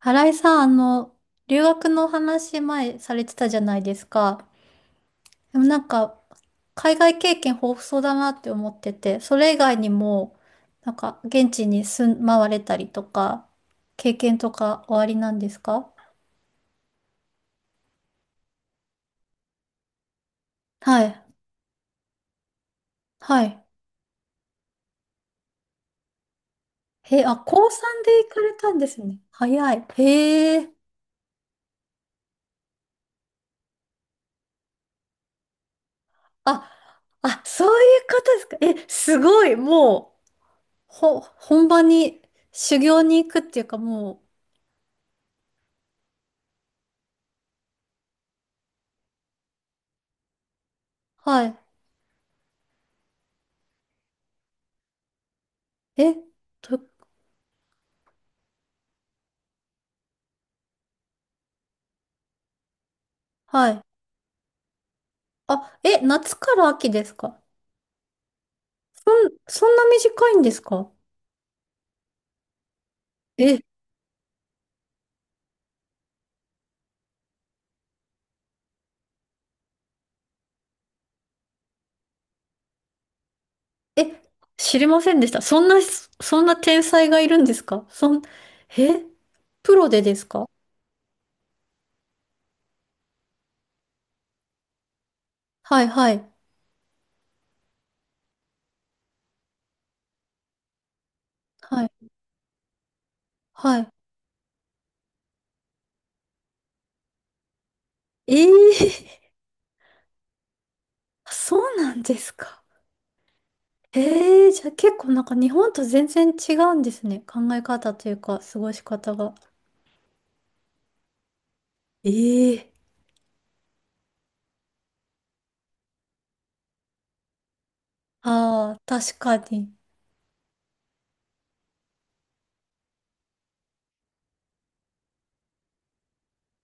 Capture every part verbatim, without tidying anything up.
新井さん、あの、留学の話前されてたじゃないですか。でもなんか、海外経験豊富そうだなって思ってて、それ以外にも、なんか、現地に住まわれたりとか、経験とかおありなんですか？はい。はい。へえ、あ、高さんで行かれたんですね。早い。へえ。あ、あ、そういうことですか。え、すごい。もう、ほ、本場に、修行に行くっていうか、もう、はい。え、どはい。あ、え、夏から秋ですか？そん、そんな短いんですか？え、え、知りませんでした。そんな、そんな天才がいるんですか？そん、え、プロでですか？はいはい。はい。はい。ええー。 そうなんですか。ええー、じゃあ結構なんか日本と全然違うんですね。考え方というか、過ごし方が。ええー。ああ、確かに。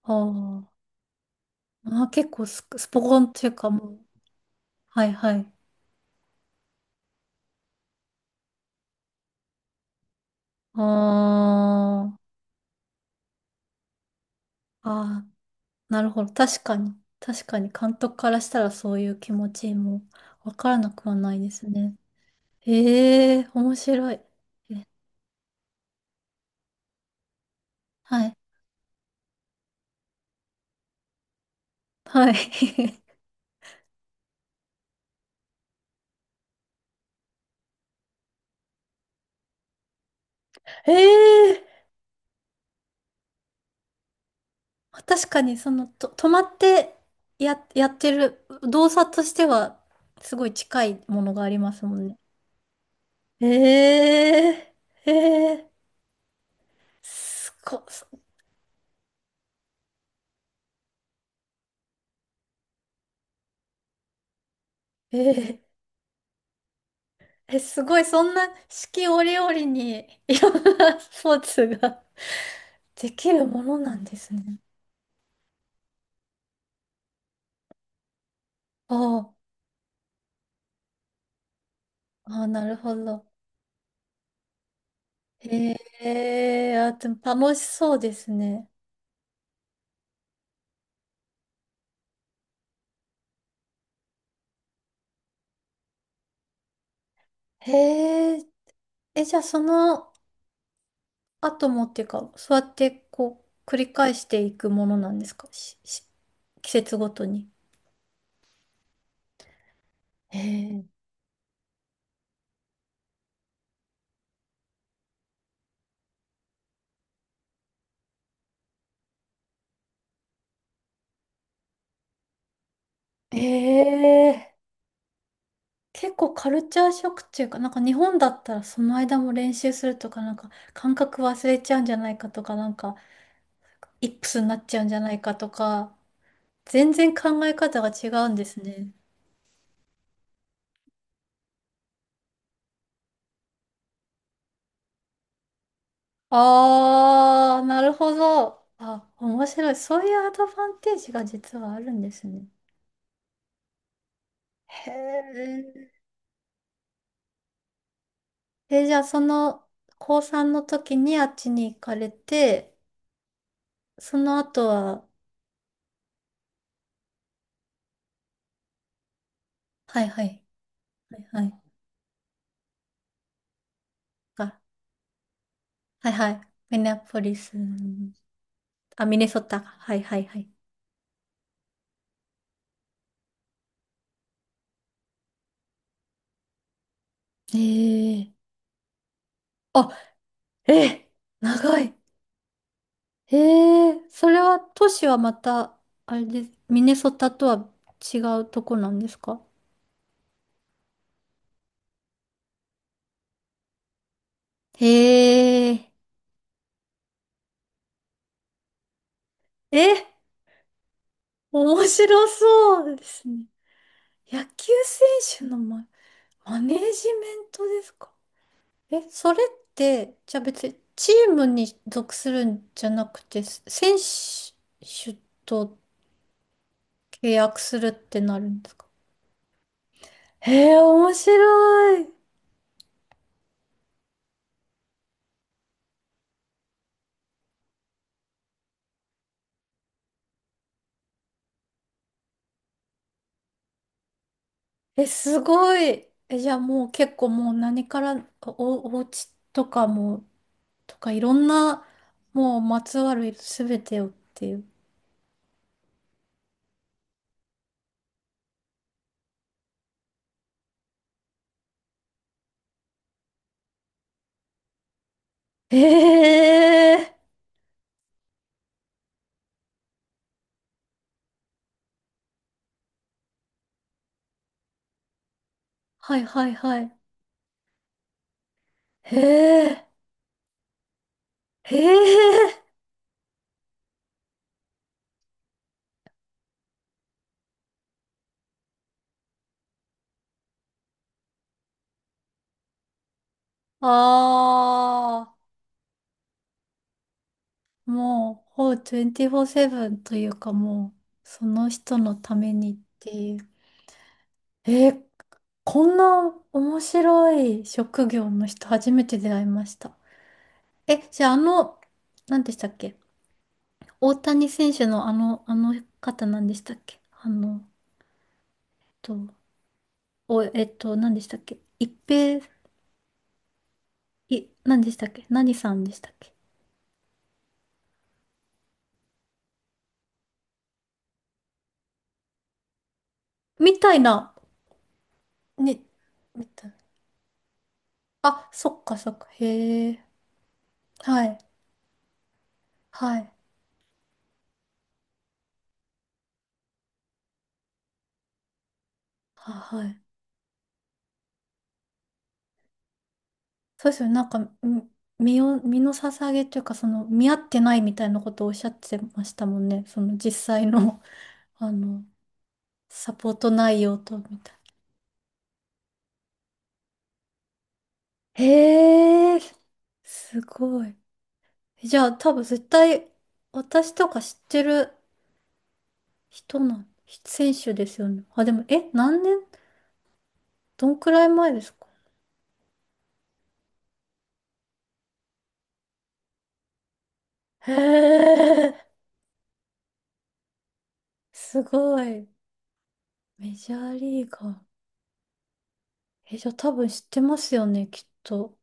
あー、まあー、結構ス、スポコンというかもう。はいはい。ああ、ああ、なるほど。確かに。確かに監督からしたらそういう気持ちもわからなくはないですね。ええ、面白い。え、はい。はい。ええ、確かにその、と、止まってや、やってる動作としてはすごい近いものがありますもんね。ええ、ええ、すご、えええ、すごい、そんな四季折々に いろんなスポーツが できるものなんですね。ああ、ああ、なるほど。へえ、あ、でも楽しそうですね。へえ、え、じゃあその後もっていうか、そうやってこう、繰り返していくものなんですか？し、し、季節ごとに。へえ、へえ、結構カルチャーショックっていうか、なんか日本だったらその間も練習するとか、なんか感覚忘れちゃうんじゃないかとか、なんかイップスになっちゃうんじゃないかとか、全然考え方が違うんですね。あー、なるほど。あ、面白い。そういうアドバンテージが実はあるんですね。へえ。え、じゃあその、高さんの時にあっちに行かれて、その後は、はいはい、はいはい、か、はいはい、ミネアポリス、あ、ミネソタか、はいはいはい。ええ、あ、ええ、長い。へえ、それは都市はまた、あれです。ミネソタとは違うとこなんですか？へえ、え、面白そうですね。野球選手のマ、マネージメントですか？え、それって、じゃあ別にチームに属するんじゃなくて、選手と契約するってなるんですか？へえ、面白い。え、すごい。え、じゃあもう結構もう何からお、お家とかも、とかいろんな、もうまつわるすべてをっていう。へえ。はいはいはい。へえ。へえ。ああ。もう、ほうトゥエンティーフォーセブンというかもう、その人のためにっていう。えー、こんな面白い職業の人初めて出会いました。え、じゃああの、何でしたっけ、大谷選手のあの、あの方何でしたっけ、あの、えっと、お、えっと、何でしたっけ、一平、い、何でしたっけ、何さんでしたっけみたいな、に、みたいな。あ、そっかそっか。へえ。はい。はい。は、はい。そうですよね。なんか、み身を、身の捧げというか、その、見合ってないみたいなことをおっしゃってましたもんね。その、実際の、あの、サポート内容と、みたいな。へえ、すごい。じゃあ多分絶対私とか知ってる人の選手ですよね。あ、でも、え、何年どんくらい前ですか？へえ、すごい。メジャーリーガー。え、じゃあ多分知ってますよね、きっと。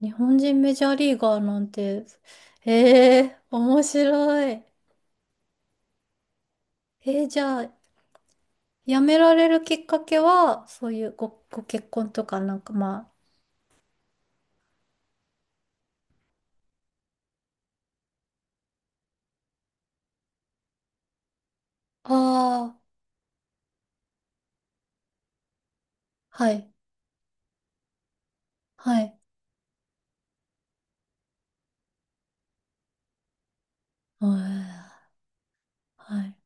日本人メジャーリーガーなんて。ええ、面白い。え、じゃあ、辞められるきっかけは、そういうご、ご結婚とかなんかまあ、ああ、はい、はい、うん、はい。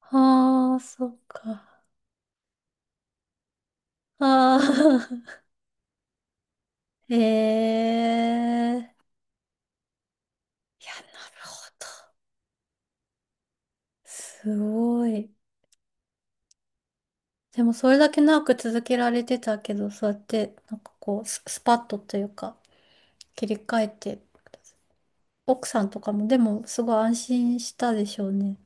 ああ、そっか。ああ、へえ。いや、なるほど。すごい。でも、それだけ長く続けられてたけど、そうやって、なんかこう、ス、スパッとというか、切り替えて、奥さんとかも、でも、すごい安心したでしょうね。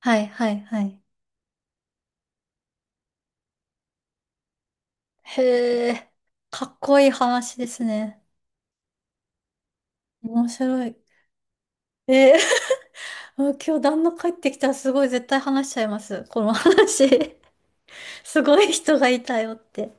はい、はい、はい。へえ、かっこいい話ですね。面白い。えー、もう今日旦那帰ってきたらすごい絶対話しちゃいます。この話。すごい人がいたよって。